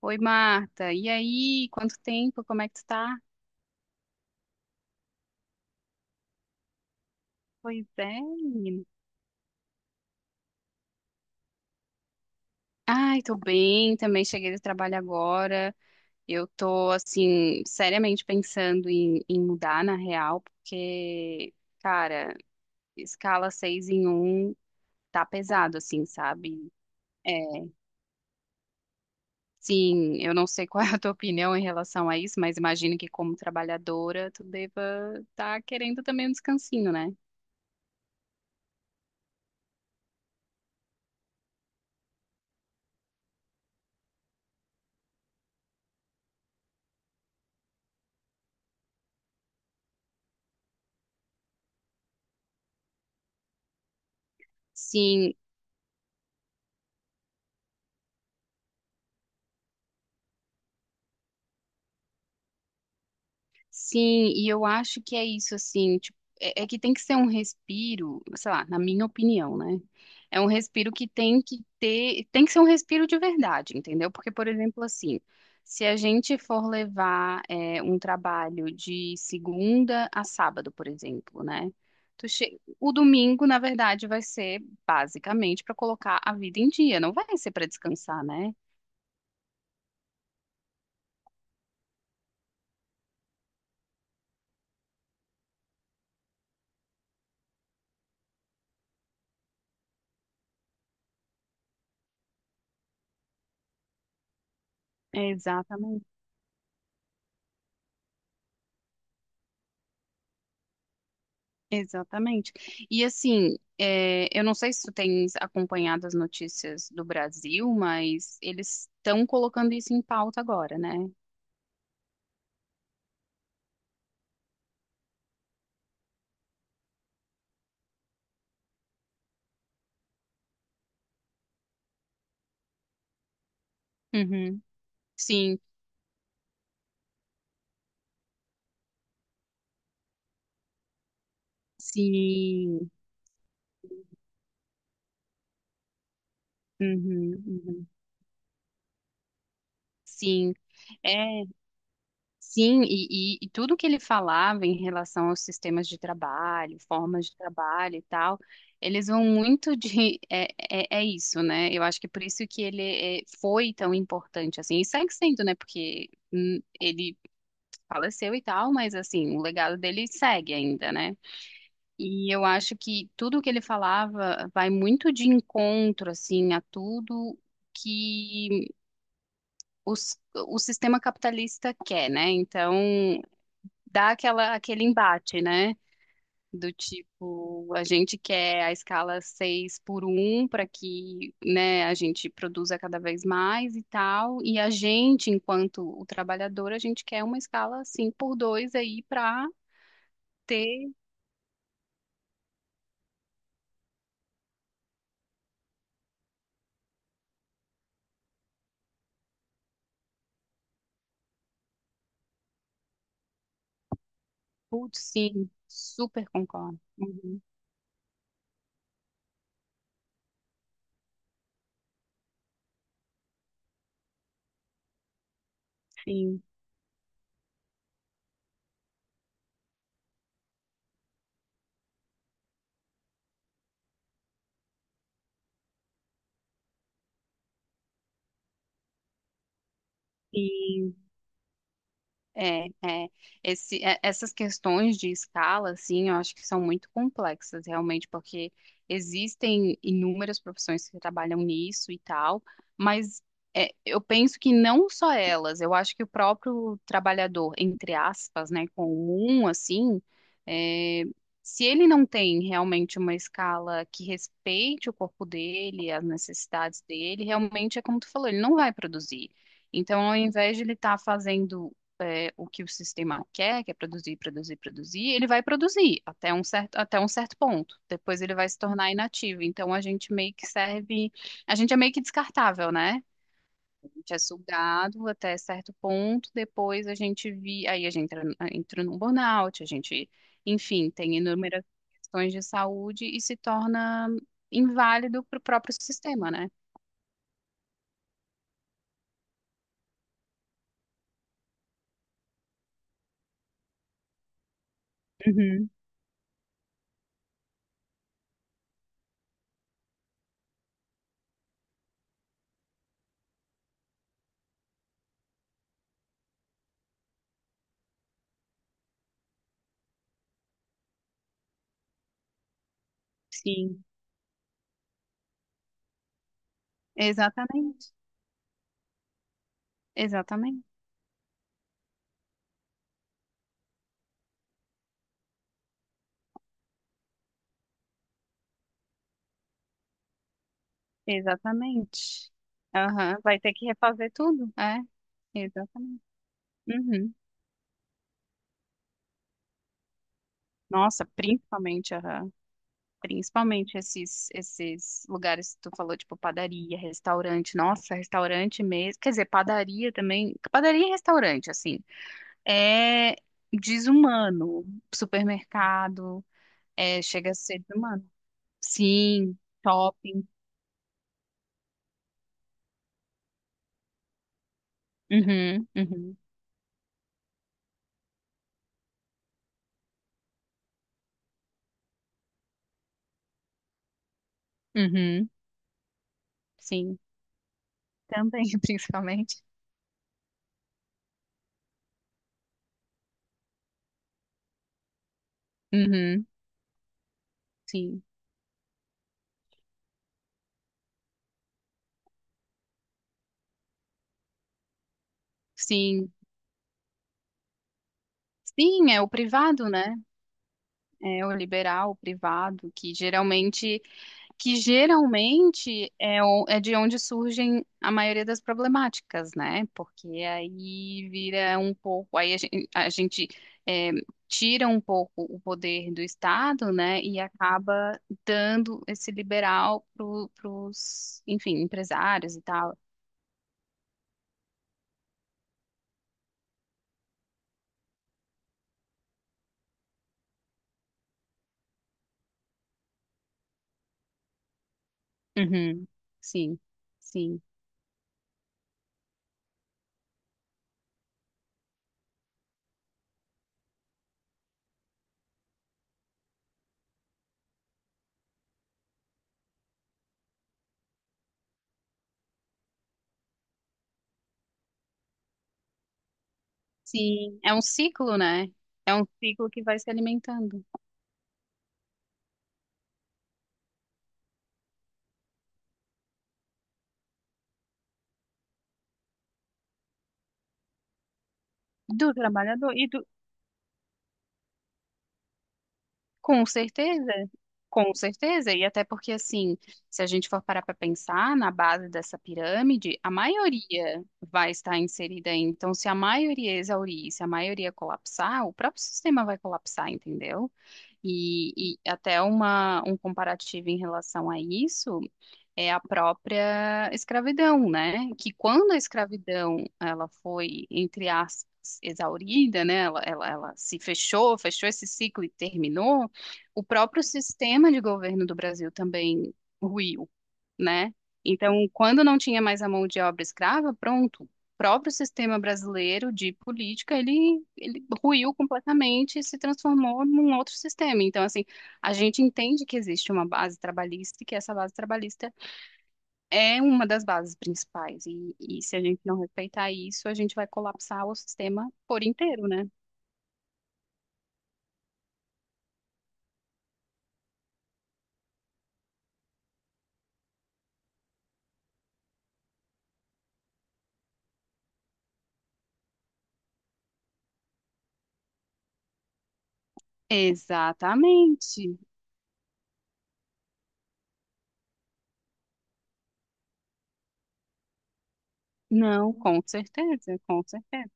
Oi, Marta. E aí, quanto tempo? Como é que tu tá? Pois é, menina. Ai, tô bem, também cheguei do trabalho agora. Eu tô, assim, seriamente pensando em mudar na real, porque, cara, escala 6 em um tá pesado, assim, sabe? É, sim, eu não sei qual é a tua opinião em relação a isso, mas imagino que como trabalhadora tu deva estar querendo também um descansinho, né? Sim, sim, e eu acho que é isso, assim, tipo, é que tem que ser um respiro, sei lá, na minha opinião, né? É um respiro que tem que ter, tem que ser um respiro de verdade, entendeu? Porque, por exemplo, assim, se a gente for levar um trabalho de segunda a sábado, por exemplo, né? Tu che... O domingo, na verdade, vai ser basicamente para colocar a vida em dia, não vai ser para descansar, né? Exatamente. Exatamente. E assim, é, eu não sei se tu tens acompanhado as notícias do Brasil, mas eles estão colocando isso em pauta agora, né? Uhum. Sim, sim. Uhum, uhum. Sim, é, sim, e tudo que ele falava em relação aos sistemas de trabalho, formas de trabalho e tal, eles vão muito de, é isso, né? Eu acho que por isso que ele foi tão importante, assim, e segue sendo, né? Porque ele faleceu e tal, mas assim, o legado dele segue ainda, né? E eu acho que tudo o que ele falava vai muito de encontro, assim, a tudo que o sistema capitalista quer, né? Então, dá aquele embate, né? Do tipo, a gente quer a escala 6 por um para que, né, a gente produza cada vez mais e tal, e a gente, enquanto o trabalhador, a gente quer uma escala 5 por 2 aí para Putz, sim, super concordo. Uhum, sim. E É, é, esse, essas questões de escala, assim, eu acho que são muito complexas, realmente, porque existem inúmeras profissões que trabalham nisso e tal, mas é, eu penso que não só elas, eu acho que o próprio trabalhador, entre aspas, né, comum, assim, é, se ele não tem realmente uma escala que respeite o corpo dele, as necessidades dele, realmente é como tu falou, ele não vai produzir. Então, ao invés de ele estar fazendo é, o que o sistema quer, que é produzir, produzir, produzir, ele vai produzir até um certo ponto. Depois ele vai se tornar inativo. Então a gente meio que serve, a gente é meio que descartável, né? A gente é sugado até certo ponto, depois aí a gente entra, entra num burnout, a gente, enfim, tem inúmeras questões de saúde e se torna inválido para o próprio sistema, né? Uhum, sim. Exatamente, exatamente. Exatamente. Aham, vai ter que refazer tudo, é. Exatamente. Uhum. Nossa, principalmente, aham. Principalmente esses lugares que tu falou, tipo padaria, restaurante. Nossa, restaurante mesmo. Quer dizer, padaria também. Padaria e restaurante, assim. É desumano. Supermercado, é, chega a ser desumano. Sim, shopping. Uhum, uhum, uhum. Sim, também, principalmente. Uhum, sim. Sim, sim, é o privado, né? É o liberal, o privado, que geralmente é, é de onde surgem a maioria das problemáticas, né? Porque aí vira um pouco, aí a gente, é, tira um pouco o poder do Estado, né? E acaba dando esse liberal para os, enfim, empresários e tal. Uhum, sim, sim. Sim, é um ciclo, né? É um ciclo que vai se alimentando do trabalhador e do, com certeza, com certeza. E até porque assim, se a gente for parar para pensar na base dessa pirâmide, a maioria vai estar inserida aí. Então, se a maioria exaurir, se a maioria colapsar, o próprio sistema vai colapsar, entendeu? E até um comparativo em relação a isso. É a própria escravidão, né? Que quando a escravidão ela foi, entre aspas, exaurida, né? Ela se fechou, fechou esse ciclo e terminou, o próprio sistema de governo do Brasil também ruiu, né? Então, quando não tinha mais a mão de obra escrava, pronto. O próprio sistema brasileiro de política, ele ruiu completamente e se transformou num outro sistema. Então, assim, a gente entende que existe uma base trabalhista e que essa base trabalhista é uma das bases principais. E se a gente não respeitar isso, a gente vai colapsar o sistema por inteiro, né? Exatamente. Não, com certeza, com certeza.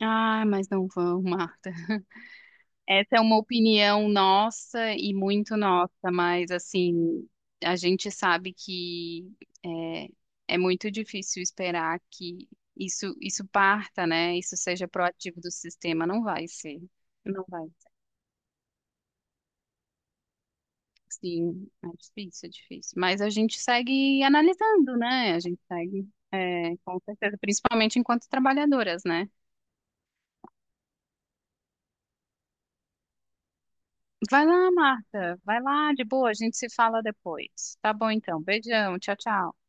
Ah, mas não vão, Marta. Essa é uma opinião nossa e muito nossa, mas assim, a gente sabe que é, é muito difícil esperar que isso parta, né? Isso seja proativo do sistema. Não vai ser. Não vai. Sim, é difícil, é difícil. Mas a gente segue analisando, né? A gente segue, é, com certeza, principalmente enquanto trabalhadoras, né? Vai lá, Marta, vai lá, de boa, a gente se fala depois. Tá bom, então. Beijão, tchau, tchau.